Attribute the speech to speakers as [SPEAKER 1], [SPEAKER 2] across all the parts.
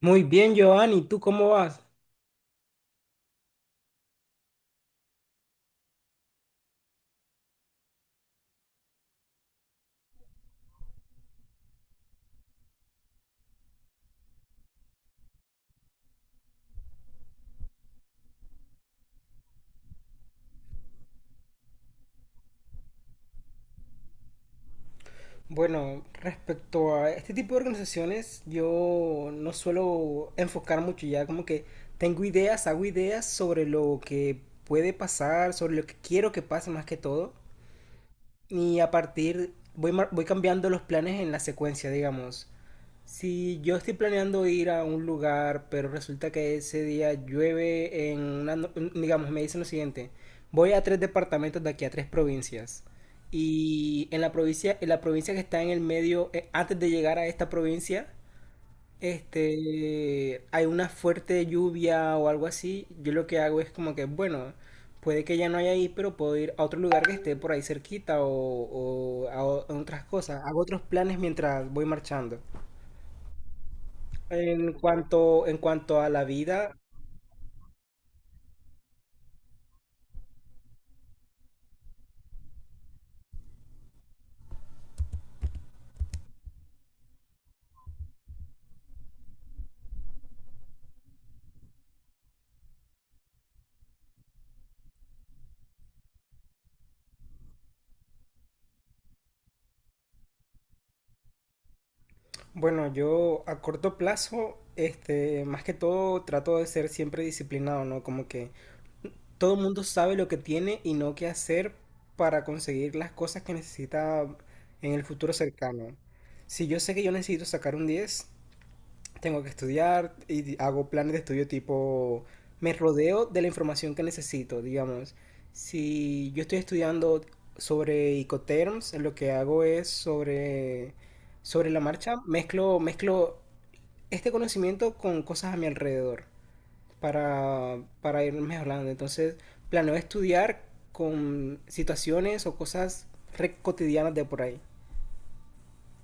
[SPEAKER 1] Muy bien, Giovanni, ¿tú cómo vas? Bueno, respecto a este tipo de organizaciones, yo no suelo enfocar mucho ya, como que tengo ideas, hago ideas sobre lo que puede pasar, sobre lo que quiero que pase más que todo, y a partir voy, voy cambiando los planes en la secuencia, digamos. Si yo estoy planeando ir a un lugar, pero resulta que ese día llueve en una, digamos, me dicen lo siguiente, voy a tres departamentos de aquí a tres provincias. Y en la provincia, que está en el medio, antes de llegar a esta provincia, hay una fuerte lluvia o algo así. Yo lo que hago es como que, bueno, puede que ya no haya ahí, pero puedo ir a otro lugar que esté por ahí cerquita o, o a otras cosas. Hago otros planes mientras voy marchando. En cuanto a la vida, bueno, yo a corto plazo, más que todo trato de ser siempre disciplinado, ¿no? Como que todo el mundo sabe lo que tiene y no qué hacer para conseguir las cosas que necesita en el futuro cercano. Si yo sé que yo necesito sacar un 10 tengo que estudiar y hago planes de estudio tipo, me rodeo de la información que necesito, digamos. Si yo estoy estudiando sobre Icoterms, lo que hago es sobre la marcha, mezclo este conocimiento con cosas a mi alrededor para ir mejorando. Entonces, planeo estudiar con situaciones o cosas re cotidianas de por ahí.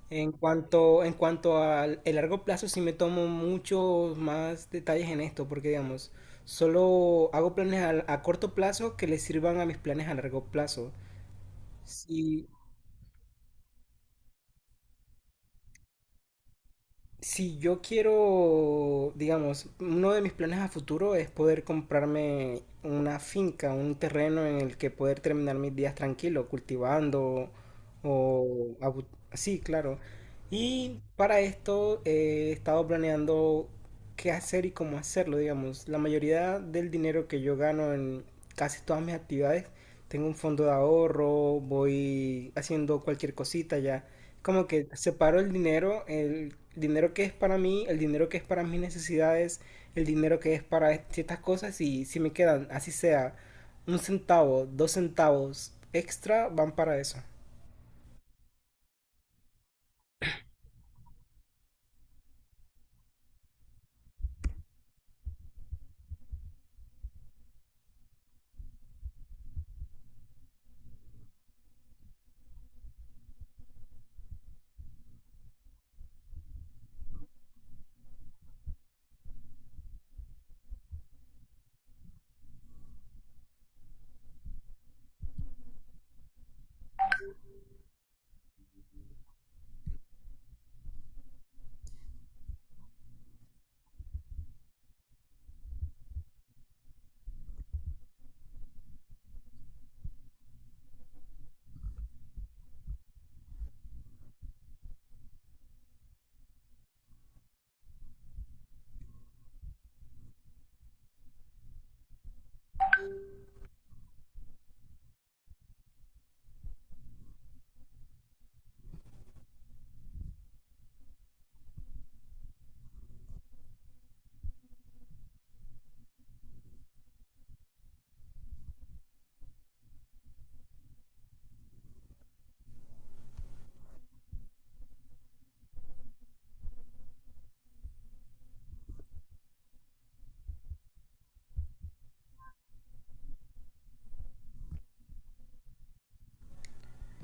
[SPEAKER 1] En cuanto al el largo plazo, sí me tomo muchos más detalles en esto, porque digamos, solo hago planes a corto plazo que le sirvan a mis planes a largo plazo. Si, Si yo quiero, digamos, uno de mis planes a futuro es poder comprarme una finca, un terreno en el que poder terminar mis días tranquilo, cultivando o... Sí, claro. Y para esto he estado planeando qué hacer y cómo hacerlo, digamos. La mayoría del dinero que yo gano en casi todas mis actividades, tengo un fondo de ahorro, voy haciendo cualquier cosita ya, como que separo el dinero que es para mí, el dinero que es para mis necesidades, el dinero que es para ciertas cosas y si me quedan, así sea, un centavo, dos centavos extra, van para eso.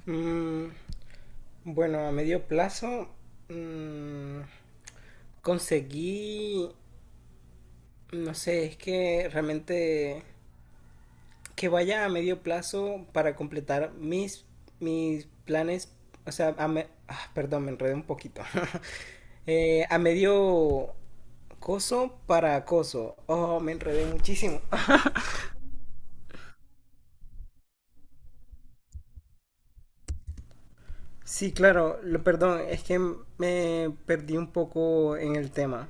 [SPEAKER 1] Mm, bueno, a medio plazo mm, conseguí, no sé, es que realmente que vaya a medio plazo para completar mis planes, o sea, perdón, me enredé un poquito. A medio coso para acoso. Oh, me enredé muchísimo. Sí, claro, perdón, es que me perdí un poco en el tema.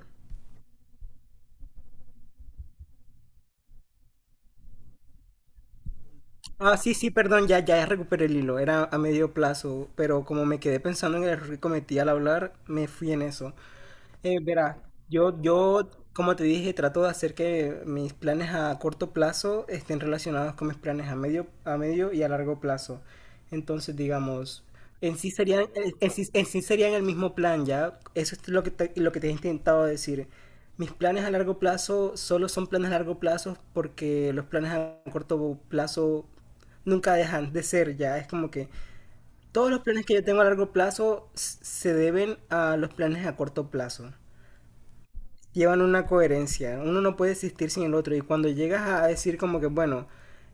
[SPEAKER 1] Ah, sí, sí, perdón, ya, ya recuperé el hilo, era a medio plazo, pero como me quedé pensando en el error que cometí al hablar, me fui en eso. Verá, yo, como te dije, trato de hacer que mis planes a corto plazo estén relacionados con mis planes a medio y a largo plazo. Entonces, digamos, en sí serían el mismo plan, ¿ya? Eso es lo que lo que te he intentado decir. Mis planes a largo plazo solo son planes a largo plazo porque los planes a corto plazo nunca dejan de ser, ya. Es como que todos los planes que yo tengo a largo plazo se deben a los planes a corto plazo, llevan una coherencia. Uno no puede existir sin el otro. Y cuando llegas a decir como que, bueno,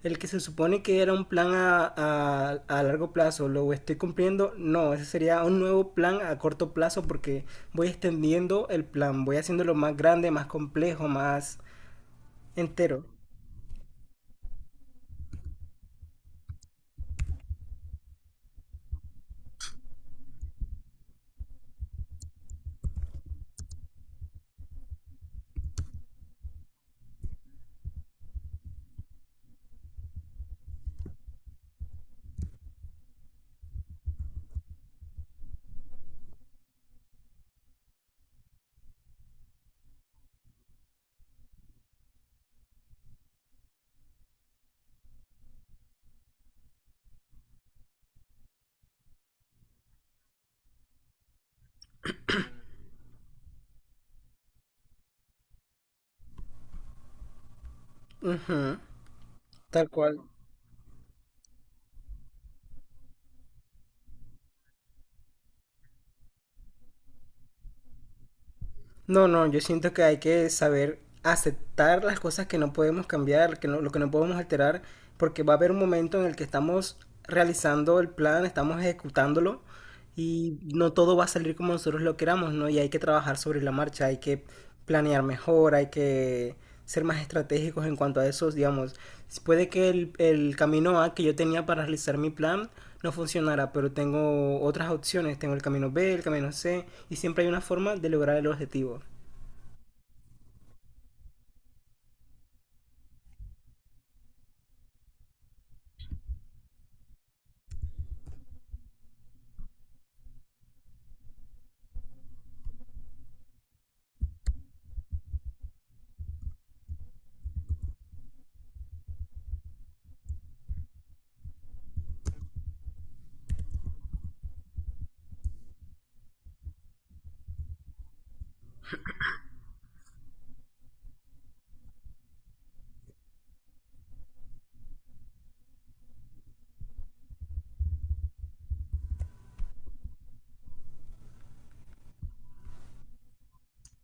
[SPEAKER 1] el que se supone que era un plan a largo plazo, lo estoy cumpliendo, no, ese sería un nuevo plan a corto plazo porque voy extendiendo el plan, voy haciéndolo más grande, más complejo, más entero. Ujú. Tal cual. No, no, yo siento que hay que saber aceptar las cosas que no podemos cambiar, que no- lo que no podemos alterar, porque va a haber un momento en el que estamos realizando el plan, estamos ejecutándolo y no todo va a salir como nosotros lo queramos, ¿no? Y hay que trabajar sobre la marcha, hay que planear mejor, hay que ser más estratégicos en cuanto a eso, digamos. Puede que el camino A que yo tenía para realizar mi plan no funcionara, pero tengo otras opciones, tengo el camino B, el camino C, y siempre hay una forma de lograr el objetivo.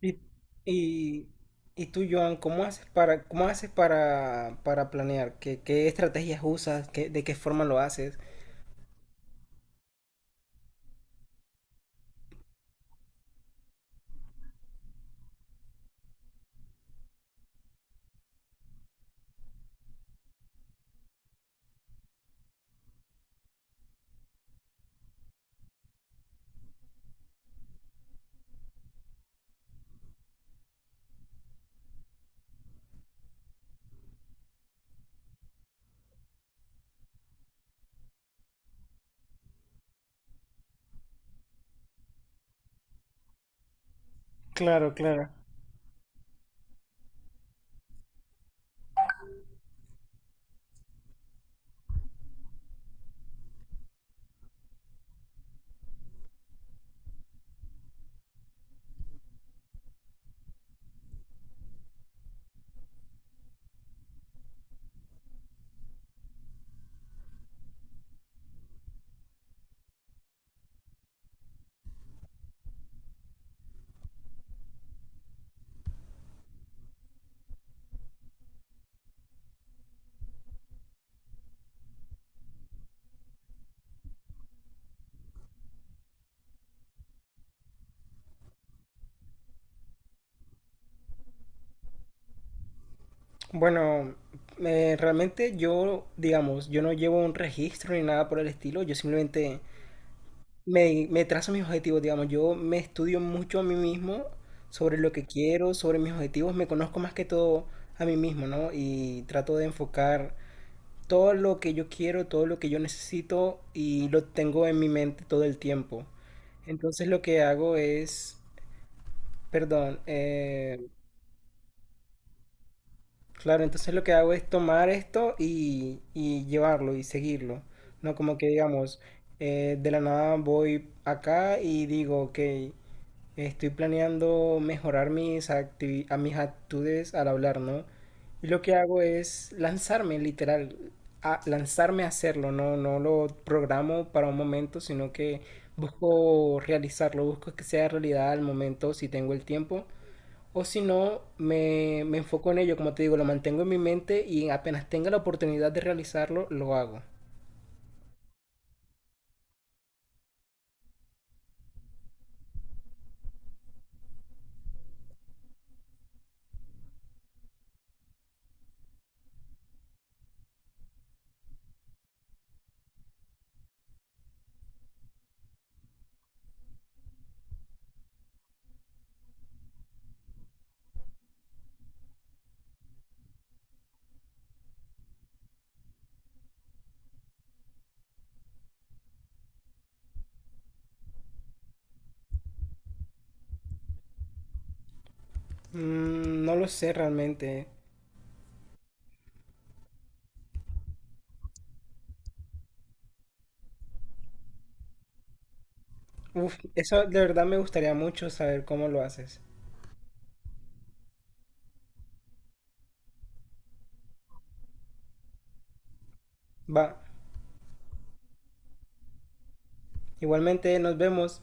[SPEAKER 1] Y, y, y tú, Joan, cómo haces para planear? ¿Qué estrategias usas? ¿Qué- de qué forma lo haces? Claro, claro. Bueno, realmente yo, digamos, yo no llevo un registro ni nada por el estilo, yo simplemente me trazo mis objetivos, digamos, yo me estudio mucho a mí mismo sobre lo que quiero, sobre mis objetivos, me conozco más que todo a mí mismo, ¿no? Y trato de enfocar todo lo que yo quiero, todo lo que yo necesito y lo tengo en mi mente todo el tiempo. Entonces lo que hago es, perdón, claro, entonces lo que hago es tomar esto y llevarlo y seguirlo. No como que digamos, de la nada voy acá y digo, ok, estoy planeando mejorar mis a mis actitudes al hablar, ¿no? Y lo que hago es lanzarme, literal, a lanzarme a hacerlo, ¿no? No lo programo para un momento, sino que busco realizarlo, busco que sea realidad al momento, si tengo el tiempo. O si no, me enfoco en ello, como te digo, lo mantengo en mi mente y apenas tenga la oportunidad de realizarlo, lo hago. Mm, no lo sé realmente. Uf, eso de verdad me gustaría mucho saber cómo lo haces. Va. Igualmente, nos vemos.